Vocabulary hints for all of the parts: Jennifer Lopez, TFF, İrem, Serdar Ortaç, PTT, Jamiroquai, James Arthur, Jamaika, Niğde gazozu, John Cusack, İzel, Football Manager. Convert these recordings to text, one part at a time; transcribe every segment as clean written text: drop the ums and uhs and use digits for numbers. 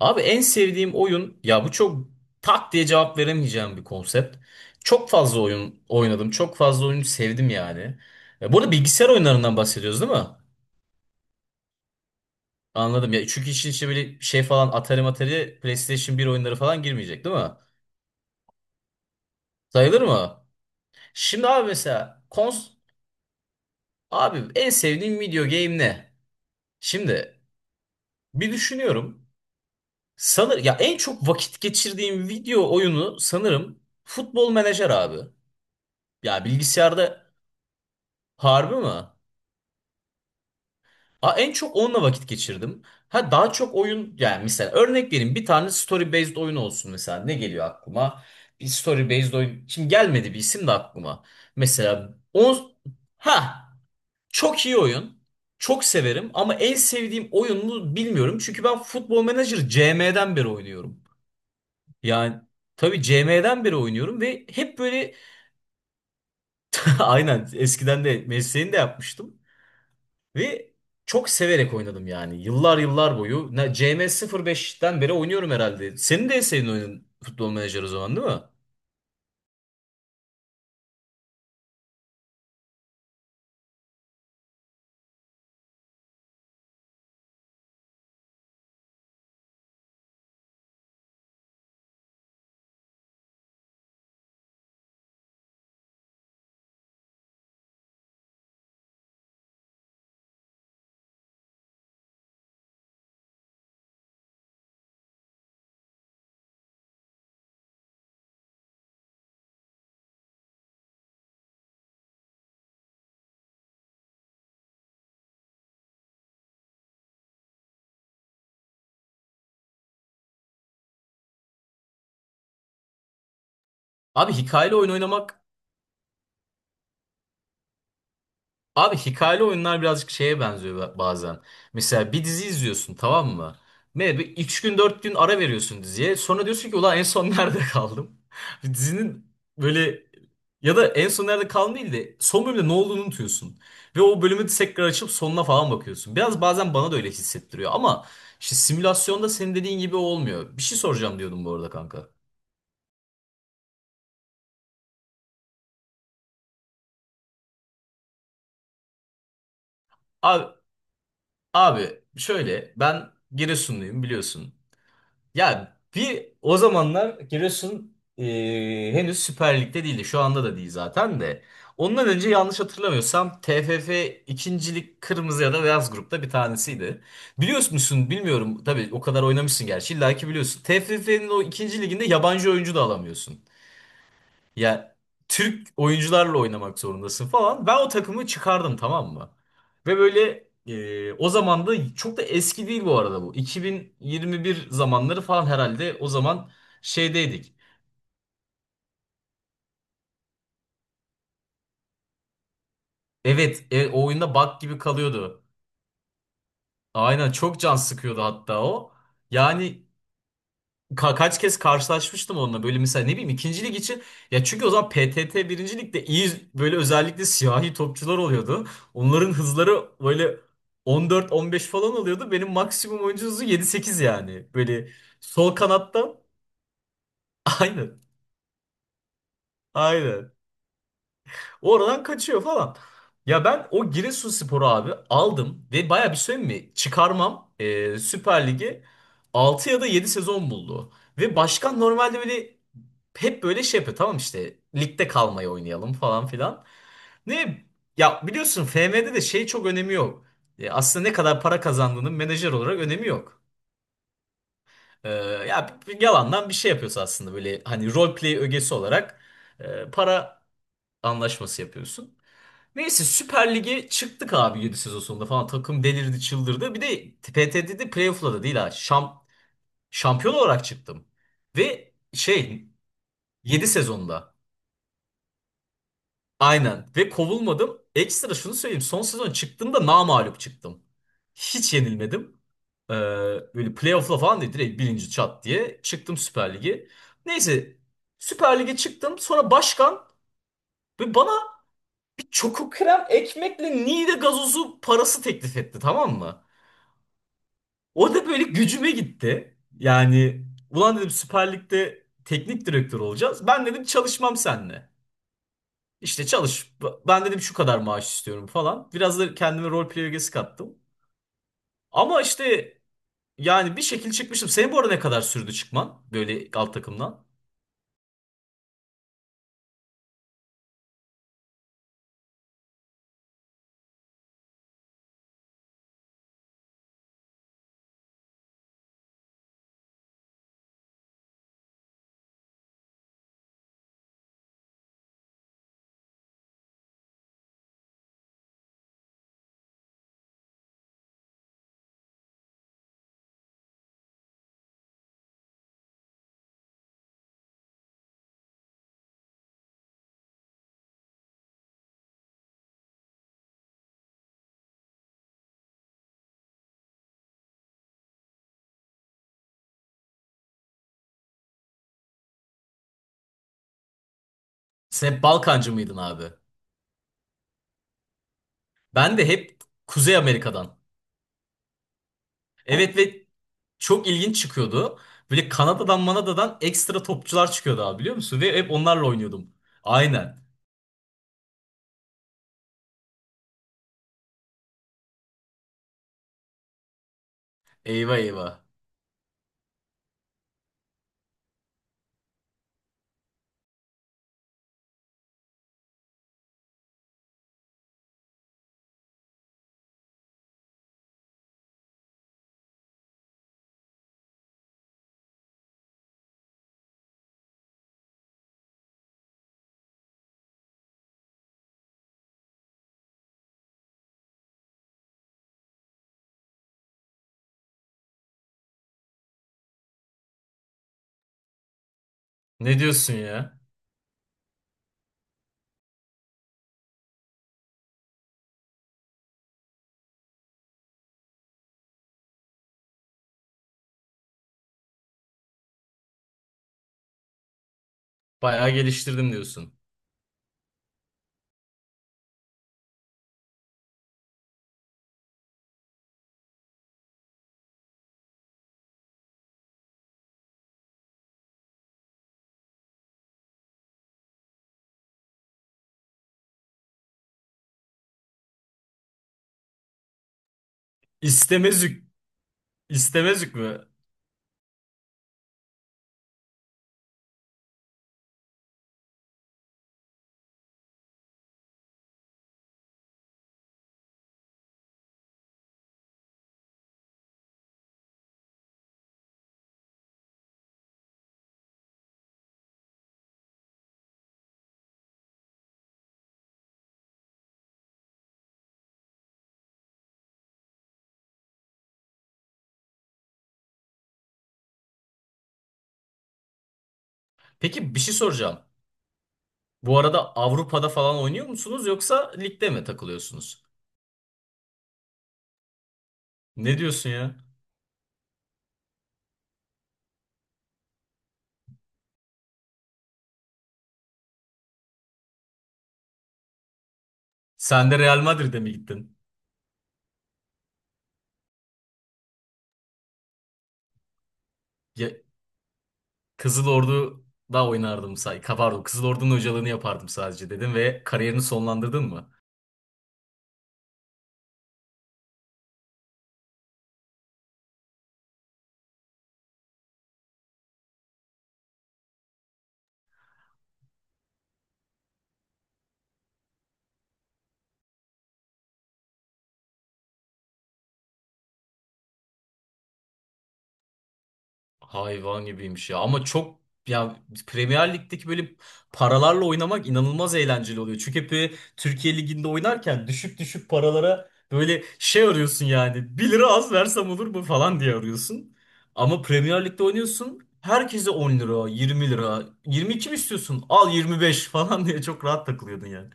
Abi en sevdiğim oyun ya bu çok tak diye cevap veremeyeceğim bir konsept. Çok fazla oyun oynadım. Çok fazla oyunu sevdim yani. Bu arada bilgisayar oyunlarından bahsediyoruz, değil mi? Anladım ya. Çünkü işin içine böyle şey falan Atari Matari PlayStation bir oyunları falan girmeyecek, değil mi? Sayılır mı? Şimdi abi, mesela abi, en sevdiğim video game ne? Şimdi bir düşünüyorum. Sanır ya en çok vakit geçirdiğim video oyunu sanırım Futbol Menajer abi. Ya bilgisayarda. Harbi mi? Aa, en çok onunla vakit geçirdim. Ha, daha çok oyun yani, mesela örnek vereyim, bir tane story based oyun olsun, mesela ne geliyor aklıma? Bir story based oyun. Şimdi gelmedi bir isim de aklıma. Mesela ha, çok iyi oyun. Çok severim ama en sevdiğim oyun mu bilmiyorum. Çünkü ben Football Manager CM'den beri oynuyorum. Yani tabii CM'den beri oynuyorum ve hep böyle aynen, eskiden de mesleğini de yapmıştım. Ve çok severek oynadım yani. Yıllar yıllar boyu. C M 05'ten beri oynuyorum herhalde. Senin de en sevdiğin oyunun futbol menajer o zaman, değil mi? Abi hikayeli oyun oynamak Abi, hikayeli oyunlar birazcık şeye benziyor bazen. Mesela bir dizi izliyorsun, tamam mı? Ne bir 3 gün 4 gün ara veriyorsun diziye. Sonra diyorsun ki ulan en son nerede kaldım? Bir Dizinin böyle Ya da en son nerede kaldım değil de son bölümde ne olduğunu unutuyorsun. Ve o bölümü tekrar açıp sonuna falan bakıyorsun. Biraz bazen bana da öyle hissettiriyor ama işte simülasyonda senin dediğin gibi olmuyor. Bir şey soracağım diyordum bu arada kanka. Abi, abi, şöyle, ben Giresunluyum biliyorsun. Ya bir o zamanlar Giresun henüz Süper Lig'de değildi. Şu anda da değil zaten de. Ondan önce, yanlış hatırlamıyorsam, TFF ikincilik kırmızı ya da beyaz grupta bir tanesiydi. Biliyor musun bilmiyorum tabii, o kadar oynamışsın gerçi, illa ki biliyorsun. TFF'nin o ikinci liginde yabancı oyuncu da alamıyorsun. Ya Türk oyuncularla oynamak zorundasın falan. Ben o takımı çıkardım, tamam mı? Ve böyle, o zaman da çok da eski değil bu arada bu. 2021 zamanları falan herhalde, o zaman şeydeydik. Evet, o oyunda bug gibi kalıyordu. Aynen, çok can sıkıyordu hatta o. Yani kaç kez karşılaşmıştım onunla böyle, mesela ne bileyim, ikinci lig için ya, çünkü o zaman PTT birinci ligde iyi, böyle özellikle siyahi topçular oluyordu. Onların hızları böyle 14-15 falan oluyordu. Benim maksimum oyuncu hızı 7-8 yani. Böyle sol kanatta. aynı Aynen, oradan kaçıyor falan. Ya ben o Giresunspor'u abi aldım ve baya bir, söyleyeyim mi? Çıkarmam Süper Lig'i 6 ya da 7 sezon buldu. Ve başkan normalde böyle, hep böyle şey yapıyor, tamam işte ligde kalmayı oynayalım falan filan. Ne ya, biliyorsun FM'de de şey çok önemi yok. Aslında ne kadar para kazandığının menajer olarak önemi yok. E, Ya bir yalandan bir şey yapıyorsun aslında, böyle hani, role play ögesi olarak para anlaşması yapıyorsun. Neyse, Süper Lig'e çıktık abi 7 sezon sonunda falan. Takım delirdi, çıldırdı. Bir de PTT'de playoff'la da değil ha. Şampiyon olarak çıktım. Ve şey, 7 sezonda. Aynen. Ve kovulmadım. Ekstra şunu söyleyeyim. Son sezon çıktığımda namağlup çıktım. Hiç yenilmedim. Ee, Böyle playoff'la falan değil. Direkt birinci, çat diye çıktım Süper Lig'e. Neyse, Süper Lig'e çıktım. Sonra başkan ve bana bir çoku krem ekmekle Niğde gazozu parası teklif etti, tamam mı? O da böyle gücüme gitti. Yani ulan dedim, Süper Lig'de teknik direktör olacağız. Ben dedim çalışmam seninle. İşte çalış. Ben dedim şu kadar maaş istiyorum falan. Biraz da kendime rol play ögesi kattım. Ama işte yani bir şekil çıkmıştım. Senin bu arada ne kadar sürdü çıkman böyle alt takımdan? Sen hep Balkancı mıydın abi? Ben de hep Kuzey Amerika'dan. Evet, ve çok ilginç çıkıyordu. Böyle Kanada'dan Manada'dan ekstra topçular çıkıyordu abi, biliyor musun? Ve hep onlarla oynuyordum. Aynen. Eyvah eyvah. Ne diyorsun ya? Bayağı geliştirdim diyorsun. İstemezük. İstemezük mü? Peki, bir şey soracağım. Bu arada Avrupa'da falan oynuyor musunuz yoksa ligde mi takılıyorsunuz? Ne diyorsun ya? Sen de Real Madrid'e mi gittin? Ya, Kızıl Ordu'da oynardım say. Pardon, Kızıl Ordu'nun hocalığını yapardım sadece dedim ve kariyerini sonlandırdın mı? Hayvan gibiymiş ya, ama çok ya, Premier Lig'deki böyle paralarla oynamak inanılmaz eğlenceli oluyor. Çünkü hep böyle Türkiye Ligi'nde oynarken düşük düşük paralara böyle şey arıyorsun yani, bir lira az versem olur mu falan diye arıyorsun. Ama Premier Lig'de oynuyorsun, herkese 10 lira, 20 lira, 22 mi istiyorsun al 25 falan diye çok rahat takılıyordun yani.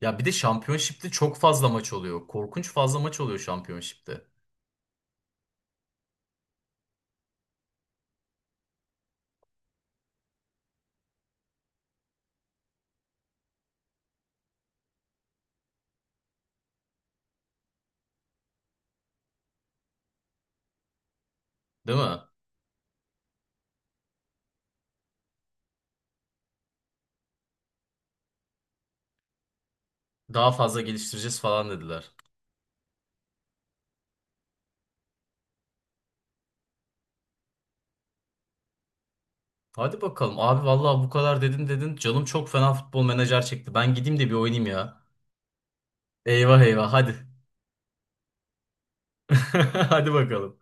Ya bir de Championship'te çok fazla maç oluyor. Korkunç fazla maç oluyor Championship'te. Değil mi? Daha fazla geliştireceğiz falan dediler. Hadi bakalım abi, vallahi bu kadar dedin dedin. Canım çok fena futbol menajer çekti. Ben gideyim de bir oynayayım ya. Eyvah eyvah, hadi. Hadi bakalım.